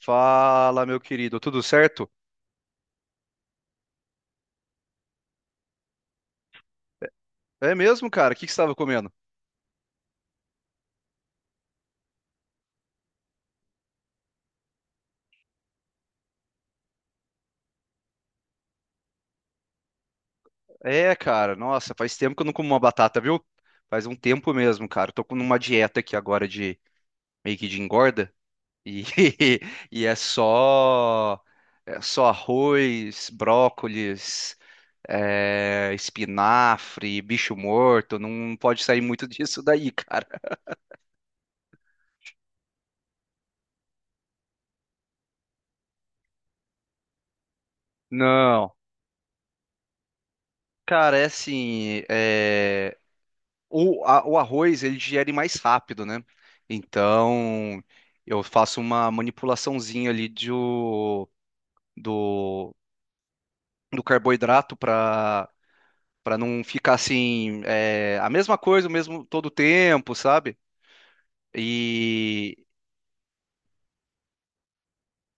Fala, meu querido, tudo certo? É mesmo, cara? O que que você estava comendo? É, cara, nossa, faz tempo que eu não como uma batata, viu? Faz um tempo mesmo, cara. Eu tô com uma dieta aqui agora de meio que de engorda e, e é só arroz, brócolis, espinafre, bicho morto. Não pode sair muito disso daí, cara. Não, cara, é assim. O arroz ele digere mais rápido, né? Então eu faço uma manipulaçãozinha ali do, do carboidrato para não ficar assim a mesma coisa o mesmo todo tempo, sabe? E,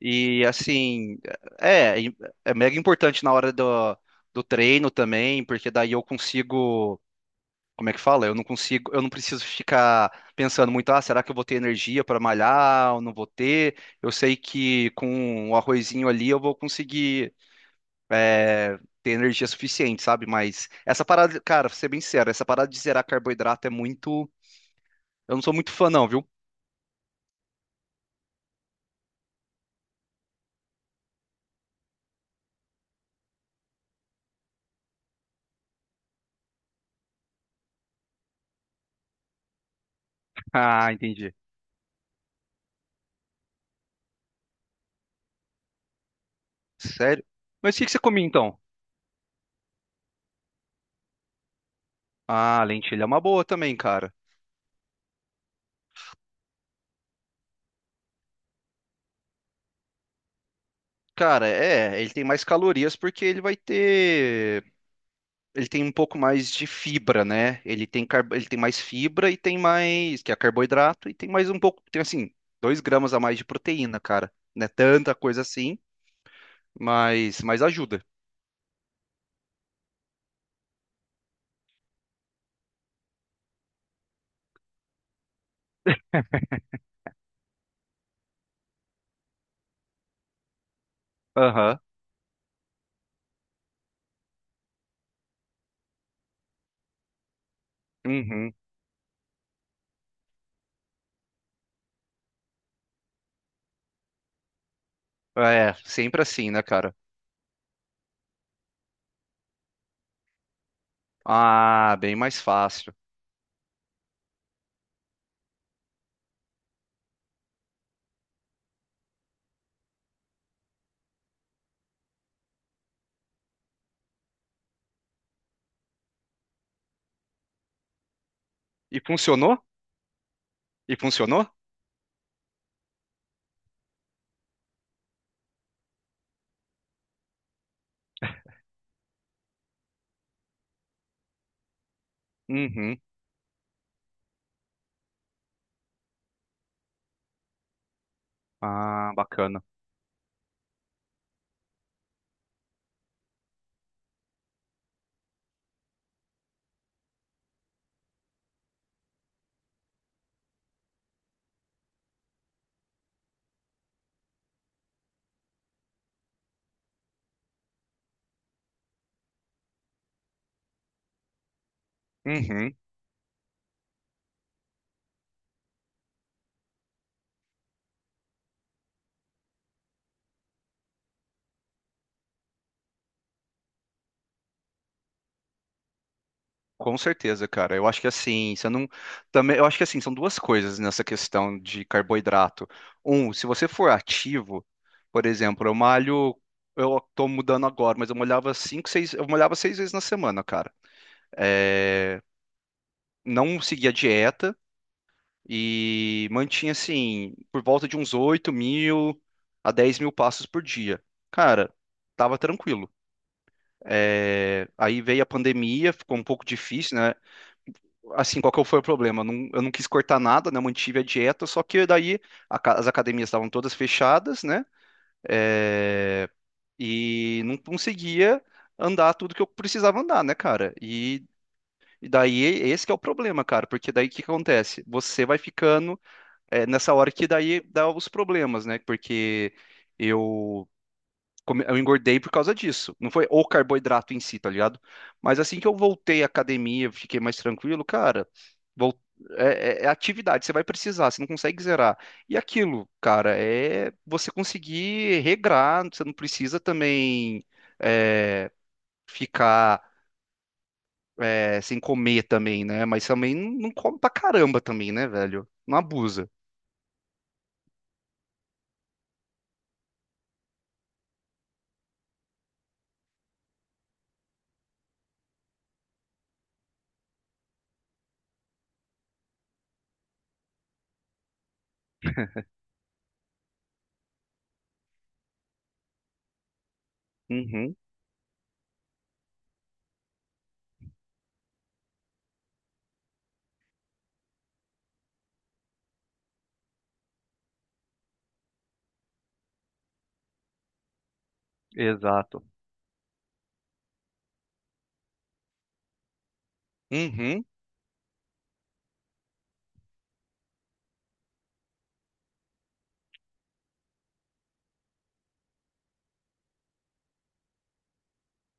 e assim é é é mega importante na hora do treino também, porque daí eu consigo como é que fala? Eu não consigo, eu não preciso ficar pensando muito, ah, será que eu vou ter energia para malhar ou não vou ter? Eu sei que com o arrozinho ali eu vou conseguir é, ter energia suficiente, sabe? Mas essa parada, cara, pra ser bem sério, essa parada de zerar carboidrato é muito. Eu não sou muito fã, não, viu? Ah, entendi. Sério? Mas o que que você comia então? Ah, lentilha é uma boa também, cara. Cara, é, ele tem mais calorias porque ele vai ter ele tem um pouco mais de fibra, né? Ele tem, ele tem mais fibra e tem mais, que é carboidrato, e tem mais um pouco, tem assim, dois gramas a mais de proteína, cara. Não é tanta coisa assim, mas ajuda. Aham. Uhum. É, sempre assim, né, cara? Ah, bem mais fácil. E funcionou? E funcionou? Uhum. Ah, bacana. Uhum. Com certeza, cara. Eu acho que assim, você não também, eu acho que assim, são duas coisas nessa questão de carboidrato. Um, se você for ativo, por exemplo, eu malho, eu tô mudando agora, mas eu malhava seis vezes na semana, cara. É, não seguia dieta e mantinha assim, por volta de uns 8 mil a 10 mil passos por dia. Cara, tava tranquilo. É, aí veio a pandemia, ficou um pouco difícil, né? Assim, qual que foi o problema? Eu não quis cortar nada, né? Eu mantive a dieta, só que daí as academias estavam todas fechadas, né? É, e não conseguia andar tudo que eu precisava andar, né, cara? E daí esse que é o problema, cara, porque daí o que que acontece? Você vai ficando nessa hora que daí dá os problemas, né? Porque eu eu engordei por causa disso. Não foi o carboidrato em si, tá ligado? Mas assim que eu voltei à academia, eu fiquei mais tranquilo, cara. vol- É, é atividade, você vai precisar, você não consegue zerar. E aquilo, cara, é você conseguir regrar, você não precisa também é, ficar sem comer também, né? Mas também não não come pra caramba também, né, velho? Não abusa. Uhum, exato. Uhum.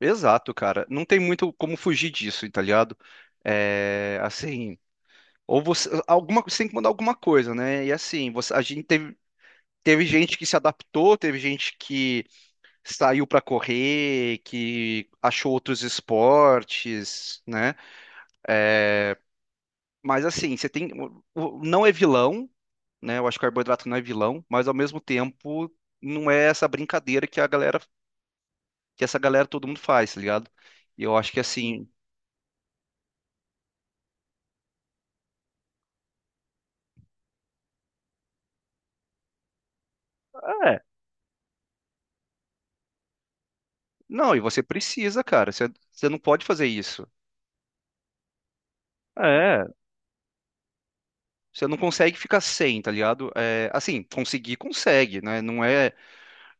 Exato, cara. Não tem muito como fugir disso, tá ligado? É, assim, ou você tem que mandar alguma coisa, né? E assim, a gente teve, teve gente que se adaptou, teve gente que saiu pra correr, que achou outros esportes, né? É, mas assim, você tem, não é vilão, né? Eu acho que o carboidrato não é vilão, mas ao mesmo tempo não é essa brincadeira que essa galera todo mundo faz, tá ligado? E eu acho que assim, não, e você precisa, cara. Você não pode fazer isso. É, você não consegue ficar sem, tá ligado? É, assim, conseguir, consegue, né? Não é.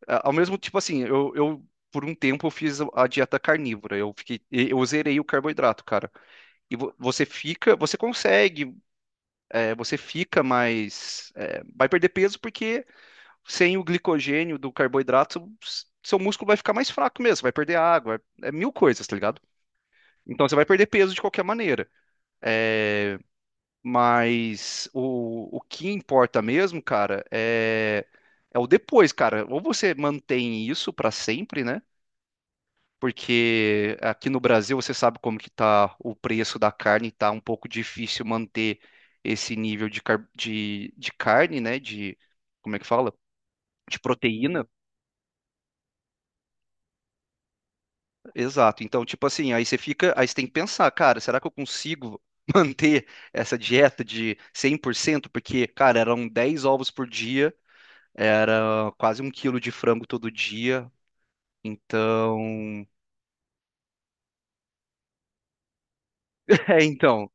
Ao mesmo tipo assim, eu por um tempo eu fiz a dieta carnívora. Eu fiquei, eu zerei o carboidrato, cara. E você fica, você consegue, você fica mais. É, vai perder peso porque sem o glicogênio do carboidrato, seu músculo vai ficar mais fraco mesmo, vai perder água, é mil coisas, tá ligado? Então você vai perder peso de qualquer maneira. É, mas o que importa mesmo, cara, é, é o depois, cara. Ou você mantém isso pra sempre, né? Porque aqui no Brasil você sabe como que tá o preço da carne, tá um pouco difícil manter esse nível de carne, né? De, como é que fala? De proteína. Exato. Então, tipo assim, aí você tem que pensar, cara, será que eu consigo manter essa dieta de 100%? Porque, cara, eram 10 ovos por dia. Era quase um quilo de frango todo dia. Então. É, então.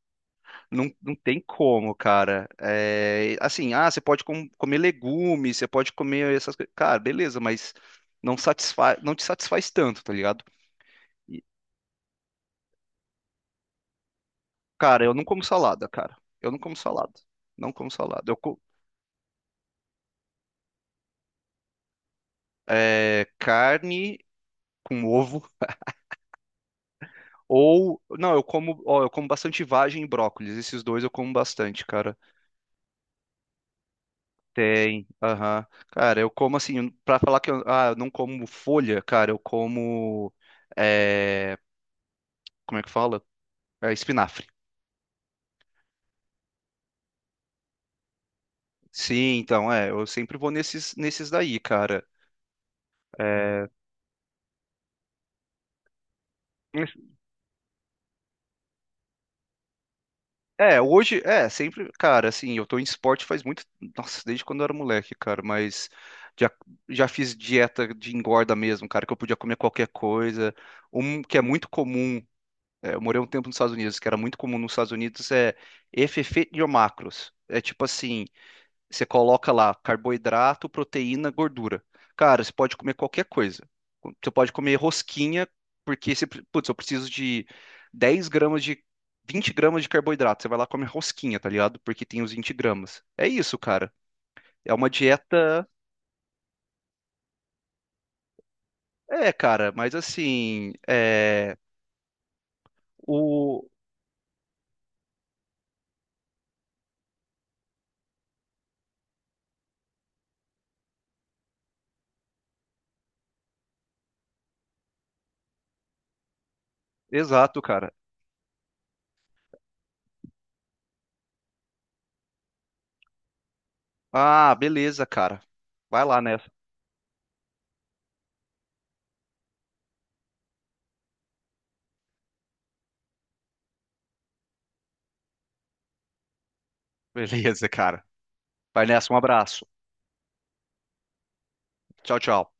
Não, não tem como, cara. É, assim, ah, você pode comer legumes, você pode comer essas coisas. Cara, beleza, mas não te satisfaz tanto, tá ligado? E, cara, eu não como salada, cara. Eu não como salada. Não como salada. Eu é, carne com ovo. Ou, não, eu como, ó, eu como bastante vagem e brócolis. Esses dois eu como bastante, cara. Tem, aham. Cara, eu como assim, pra falar que eu ah, eu não como folha, cara, eu como. É, como é que fala? É, espinafre. Sim, então, é, eu sempre vou nesses daí, cara. É, hoje, é, sempre, cara, assim, eu tô em esporte faz muito, nossa, desde quando eu era moleque, cara, mas já, já fiz dieta de engorda mesmo, cara, que eu podia comer qualquer coisa. Um que é muito comum é, eu morei um tempo nos Estados Unidos, que era muito comum nos Estados Unidos, é FF de macros. É tipo assim, você coloca lá carboidrato, proteína, gordura. Cara, você pode comer qualquer coisa. Você pode comer rosquinha, porque você, putz, eu preciso de 10 gramas de 20 gramas de carboidrato. Você vai lá e come rosquinha, tá ligado? Porque tem os 20 gramas. É isso, cara. É uma dieta. É, cara, mas assim, é o exato, cara. Ah, beleza, cara. Vai lá nessa. Beleza, cara. Vai nessa, um abraço. Tchau, tchau.